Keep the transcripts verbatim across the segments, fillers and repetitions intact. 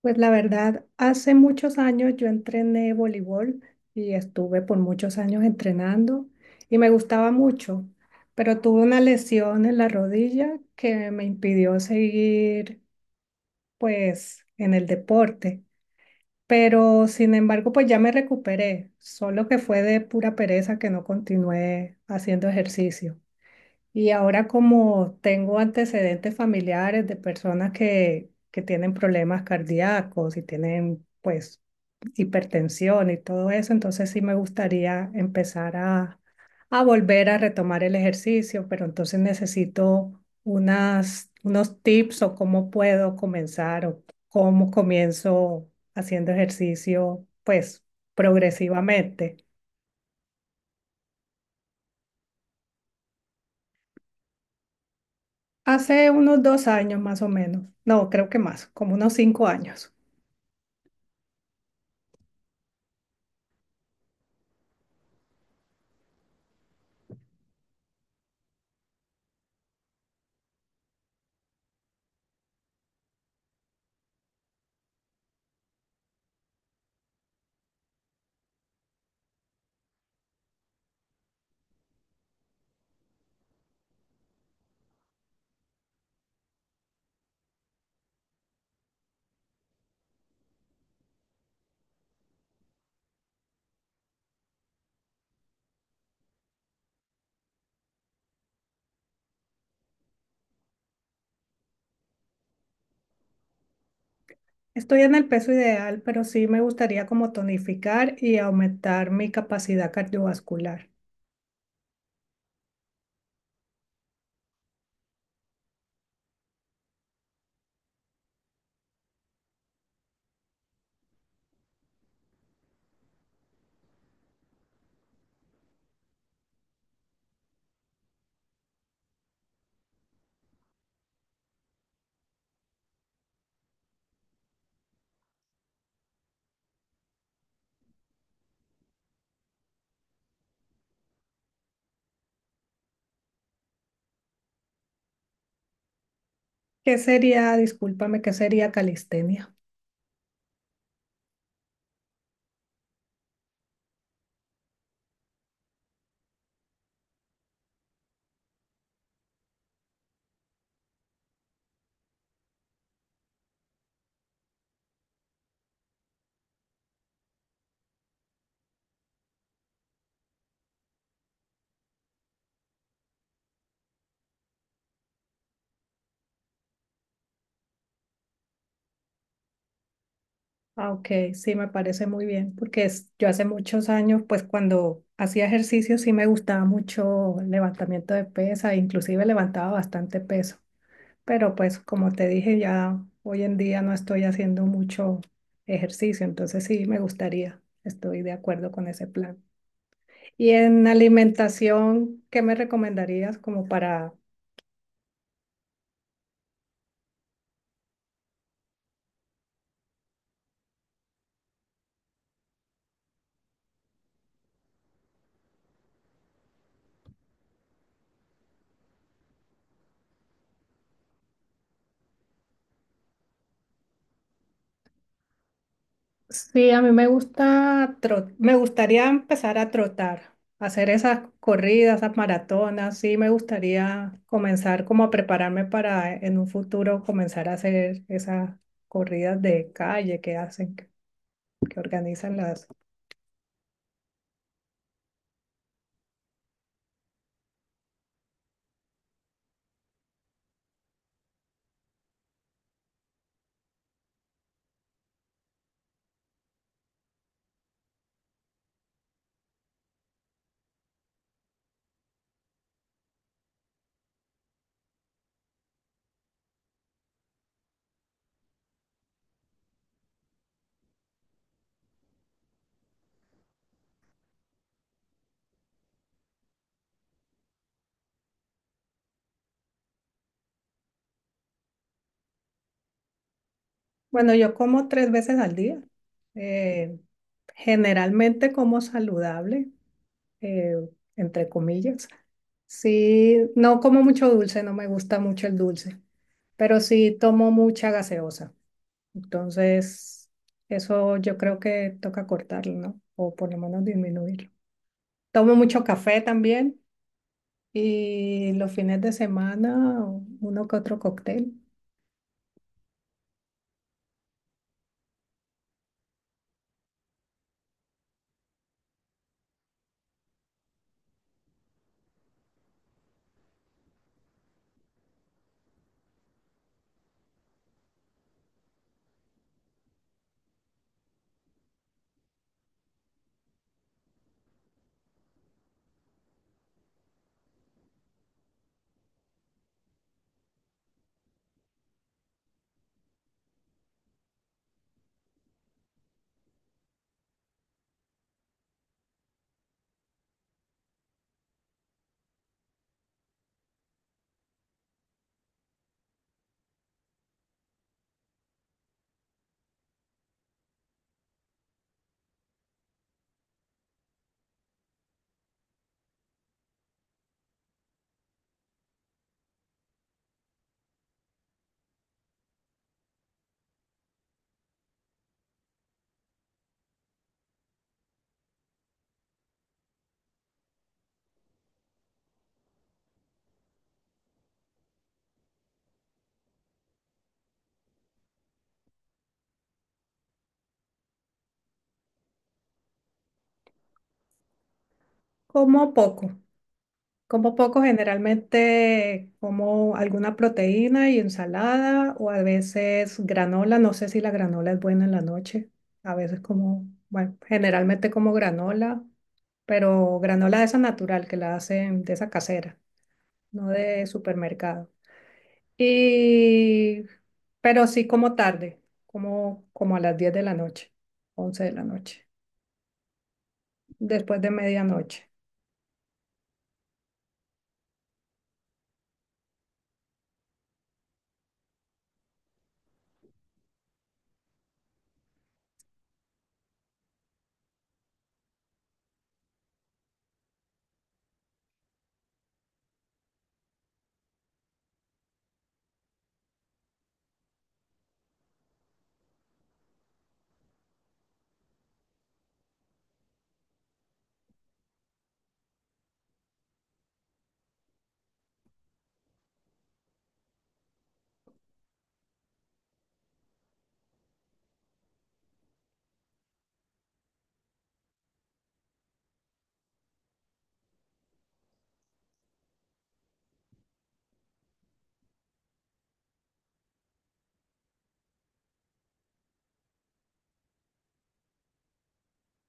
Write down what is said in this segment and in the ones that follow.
Pues la verdad, hace muchos años yo entrené voleibol y estuve por muchos años entrenando y me gustaba mucho, pero tuve una lesión en la rodilla que me impidió seguir pues en el deporte. Pero sin embargo, pues ya me recuperé, solo que fue de pura pereza que no continué haciendo ejercicio. Y ahora como tengo antecedentes familiares de personas que, que tienen problemas cardíacos y tienen pues hipertensión y todo eso, entonces sí me gustaría empezar a, a volver a retomar el ejercicio, pero entonces necesito unas, unos tips o cómo puedo comenzar o cómo comienzo haciendo ejercicio, pues progresivamente. Hace unos dos años más o menos, no, creo que más, como unos cinco años. Estoy en el peso ideal, pero sí me gustaría como tonificar y aumentar mi capacidad cardiovascular. ¿Qué sería, discúlpame, qué sería calistenia? Ah, ok, sí, me parece muy bien, porque es- yo hace muchos años, pues cuando hacía ejercicio sí me gustaba mucho el levantamiento de pesa, inclusive levantaba bastante peso, pero pues como te dije, ya hoy en día no estoy haciendo mucho ejercicio, entonces sí me gustaría, estoy de acuerdo con ese plan. Y en alimentación, ¿qué me recomendarías como para. Sí, a mí me gusta tro, me gustaría empezar a trotar, hacer esas corridas, esas maratonas, sí, me gustaría comenzar como a prepararme para eh, en un futuro comenzar a hacer esas corridas de calle que hacen, que, que organizan las. Bueno, yo como tres veces al día, eh, generalmente como saludable, eh, entre comillas. Sí, no como mucho dulce, no me gusta mucho el dulce, pero sí tomo mucha gaseosa. Entonces, eso yo creo que toca cortarlo, ¿no? O por lo menos disminuirlo. Tomo mucho café también y los fines de semana uno que otro cóctel. Como poco. Como poco, generalmente como alguna proteína y ensalada o a veces granola. No sé si la granola es buena en la noche. A veces como, bueno, generalmente como granola, pero granola de esa natural que la hacen de esa casera, no de supermercado. Y, pero sí como tarde, como, como a las diez de la noche, once de la noche, después de medianoche.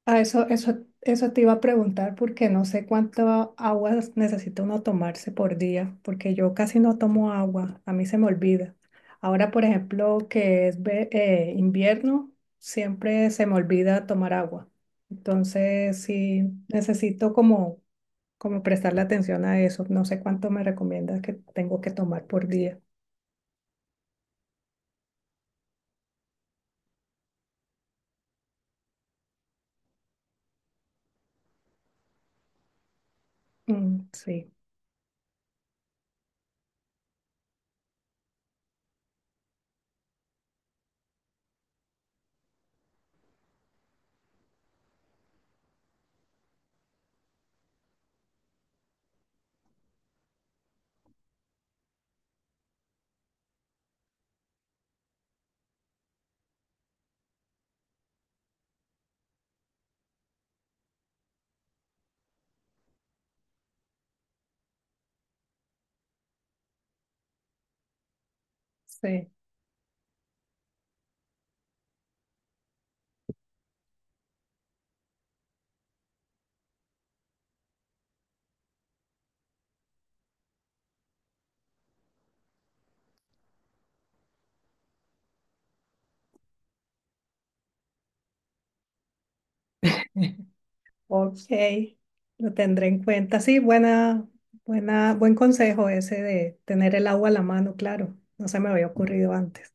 Ah, eso, eso, eso te iba a preguntar porque no sé cuánto agua necesita uno tomarse por día, porque yo casi no tomo agua, a mí se me olvida. Ahora, por ejemplo, que es ve- eh, invierno, siempre se me olvida tomar agua. Entonces, sí, necesito como, como prestarle atención a eso. No sé cuánto me recomiendas que tengo que tomar por día. Mm, sí, sí. Ok, lo tendré en cuenta. Sí, buena, buena, buen consejo ese de tener el agua a la mano, claro. No se me había ocurrido antes.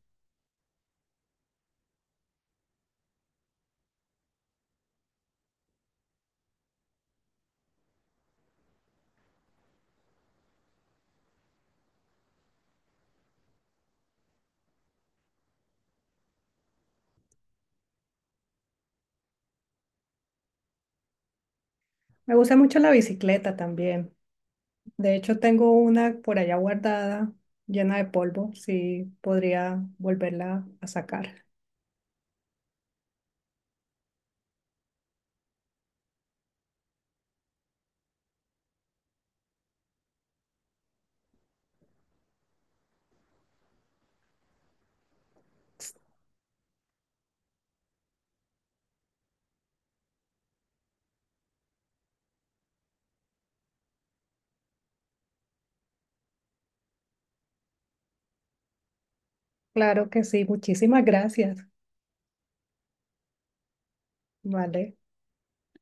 Me gusta mucho la bicicleta también. De hecho, tengo una por allá guardada, llena de polvo. Sí, podría volverla a sacar. Claro que sí. Muchísimas gracias. Vale.